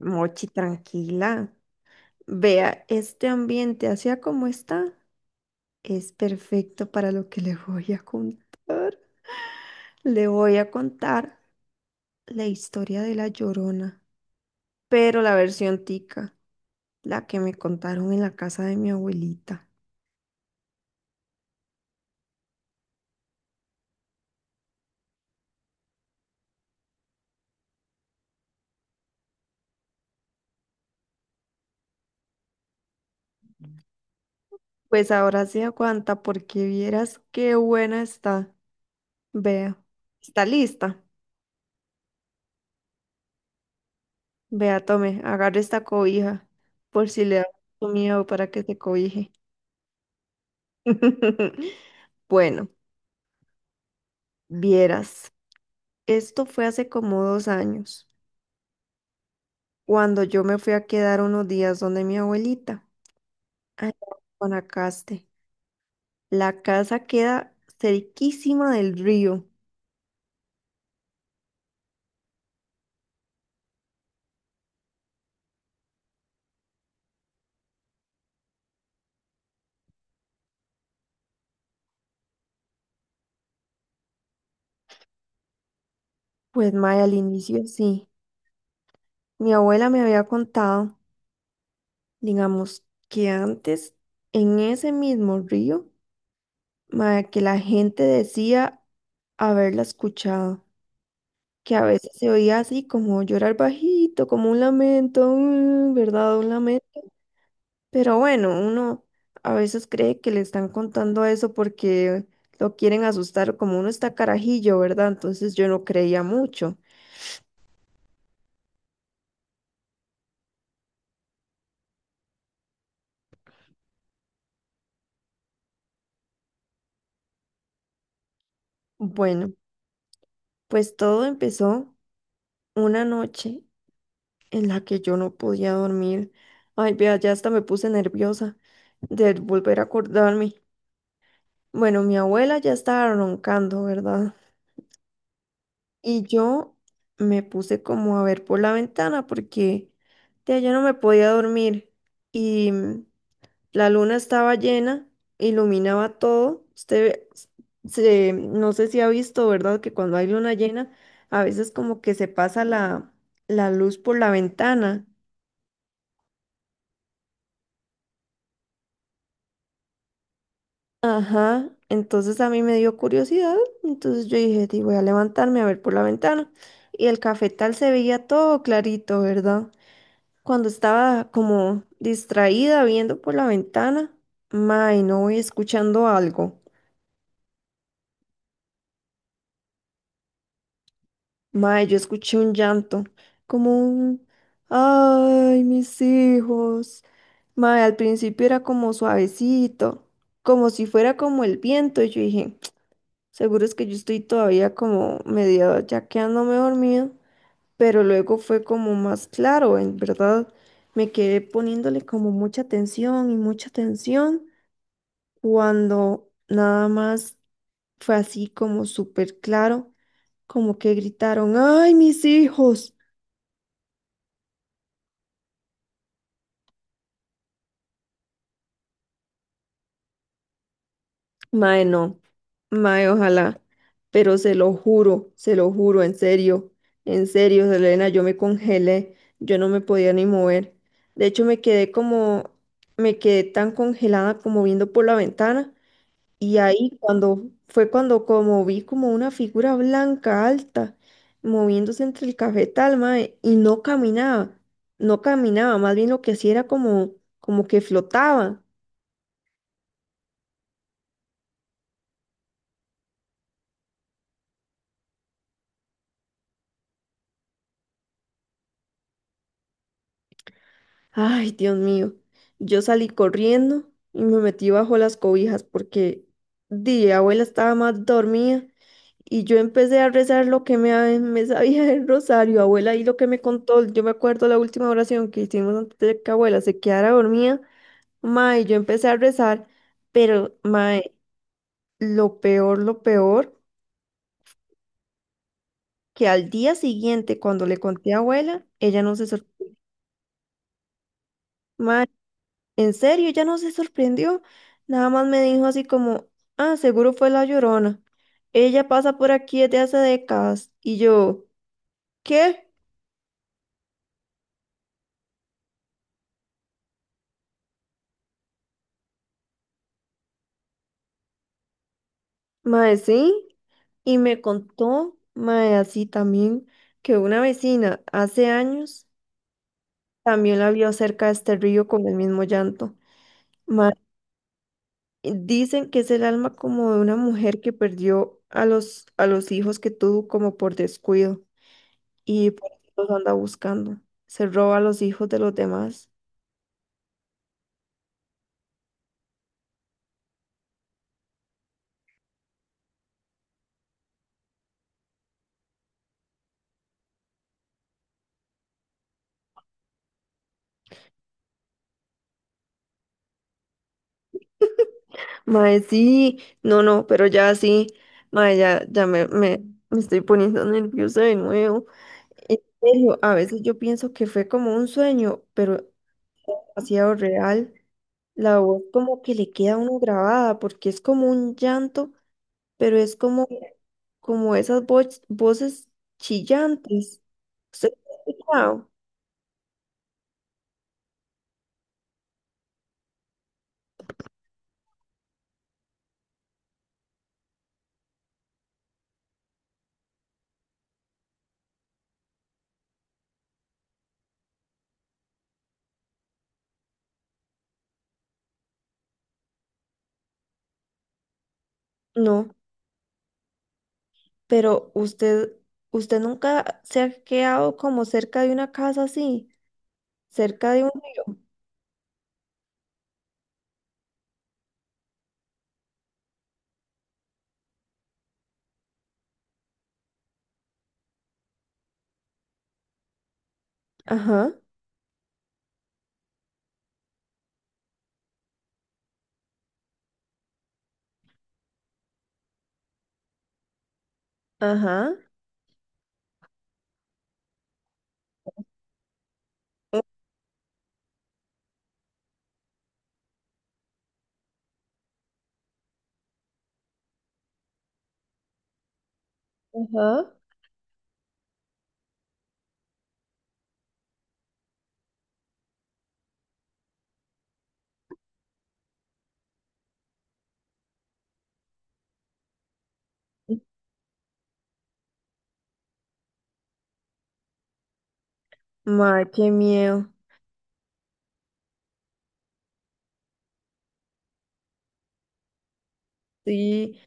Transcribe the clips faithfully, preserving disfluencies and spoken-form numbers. Mochi, tranquila. Vea, este ambiente, así como está, es perfecto para lo que le voy a contar. Le voy a contar la historia de la Llorona, pero la versión tica, la que me contaron en la casa de mi abuelita. Pues ahora se aguanta porque vieras qué buena está. Vea, está lista. Vea, tome, agarre esta cobija por si le da mucho miedo para que se cobije. Bueno. Vieras, esto fue hace como dos años, cuando yo me fui a quedar unos días donde mi abuelita, allá en Guanacaste. La casa queda cerquísima del río. Pues Maya, al inicio sí. Mi abuela me había contado, digamos, que antes en ese mismo río, Maya, que la gente decía haberla escuchado, que a veces se oía así como llorar bajito, como un lamento, mm, ¿verdad? Un lamento. Pero bueno, uno a veces cree que le están contando eso porque lo quieren asustar, como uno está carajillo, ¿verdad? Entonces yo no creía mucho. Bueno, pues todo empezó una noche en la que yo no podía dormir. Ay, vea, ya hasta me puse nerviosa de volver a acordarme. Bueno, mi abuela ya estaba roncando, ¿verdad? Y yo me puse como a ver por la ventana porque de allá no me podía dormir. Y la luna estaba llena, iluminaba todo. Usted ve- se, no sé si ha visto, ¿verdad? Que cuando hay luna llena, a veces como que se pasa la, la luz por la ventana. Ajá. Entonces a mí me dio curiosidad. Entonces yo dije, "Di, voy a levantarme a ver por la ventana. Y el cafetal se veía todo clarito, ¿verdad? Cuando estaba como distraída viendo por la ventana, mae, no voy escuchando algo. Mae, yo escuché un llanto, como un, ay, mis hijos. Mae, al principio era como suavecito, como si fuera como el viento. Y yo dije, seguro es que yo estoy todavía como medio ya quedándome dormido. Pero luego fue como más claro, en verdad. Me quedé poniéndole como mucha atención y mucha atención cuando nada más fue así como súper claro, como que gritaron, ay, mis hijos. Mae, no. Mae, ojalá. Pero se lo juro, se lo juro, en serio. En serio, Selena, yo me congelé. Yo no me podía ni mover. De hecho, me quedé como, me quedé tan congelada como viendo por la ventana. Y ahí cuando, fue cuando como vi como una figura blanca alta moviéndose entre el cafetal, mae, y no caminaba. No caminaba, más bien lo que hacía era como, como que flotaba. Ay, Dios mío. Yo salí corriendo y me metí bajo las cobijas porque di, abuela estaba más dormida y yo empecé a rezar lo que me, me sabía el rosario, abuela, y lo que me contó. Yo me acuerdo la última oración que hicimos antes de que abuela se quedara dormida. Mae, yo empecé a rezar, pero mae, lo peor, lo peor, que al día siguiente cuando le conté a abuela, ella no se sorprendió. En serio, ya no se sorprendió. Nada más me dijo así como, ah, seguro fue la Llorona. Ella pasa por aquí desde hace décadas. Y yo, ¿qué? Mae, sí. Y me contó, mae, así también, que una vecina hace años también la vio cerca de este río con el mismo llanto. Mae, dicen que es el alma como de una mujer que perdió a los, a los hijos que tuvo como por descuido y por eso los anda buscando. Se roba a los hijos de los demás. Mae, sí, no, no, pero ya sí, mae, ya, ya me, me, me estoy poniendo nerviosa de nuevo. En serio, a veces yo pienso que fue como un sueño, pero demasiado real. La voz como que le queda a uno grabada, porque es como un llanto, pero es como, como esas voz- voces chillantes. ¿Usted lo ha escuchado? No. Pero usted, usted nunca se ha quedado como cerca de una casa así, cerca de un río. Ajá, ajá, ajá. Mae, qué miedo. Sí,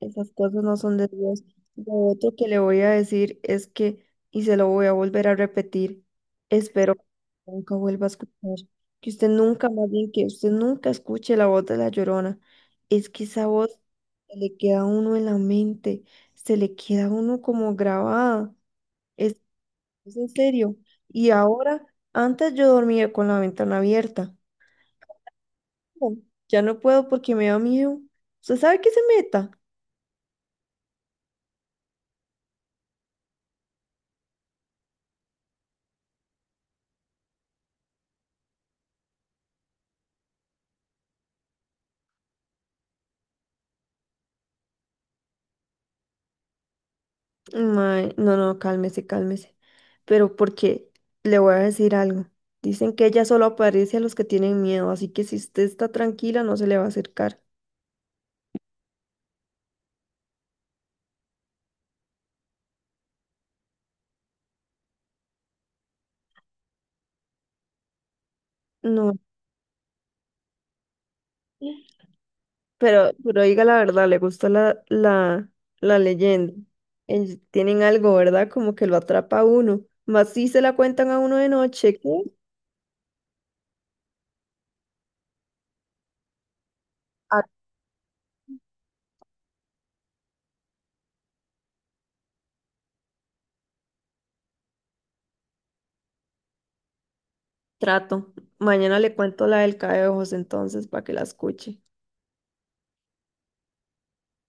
esas cosas no son de Dios. Lo otro que le voy a decir es que, y se lo voy a volver a repetir, espero que nunca vuelva a escuchar, que usted nunca, más bien que usted nunca escuche la voz de la Llorona. Es que esa voz se le queda a uno en la mente, se le queda a uno como grabada. Es, es en serio. Y ahora, antes yo dormía con la ventana abierta. No, ya no puedo porque me da miedo. ¿Usted sabe que se meta? Mae, no, no, cálmese, cálmese. Pero porque le voy a decir algo. Dicen que ella solo aparece a los que tienen miedo, así que si usted está tranquila, no se le va a acercar. No. Pero, pero diga la verdad, le gustó la, la, la leyenda. Ellos tienen algo, ¿verdad? Como que lo atrapa a uno. Más si se la cuentan a uno de noche, ¿qué? A trato. Mañana le cuento la del cae de ojos entonces para que la escuche.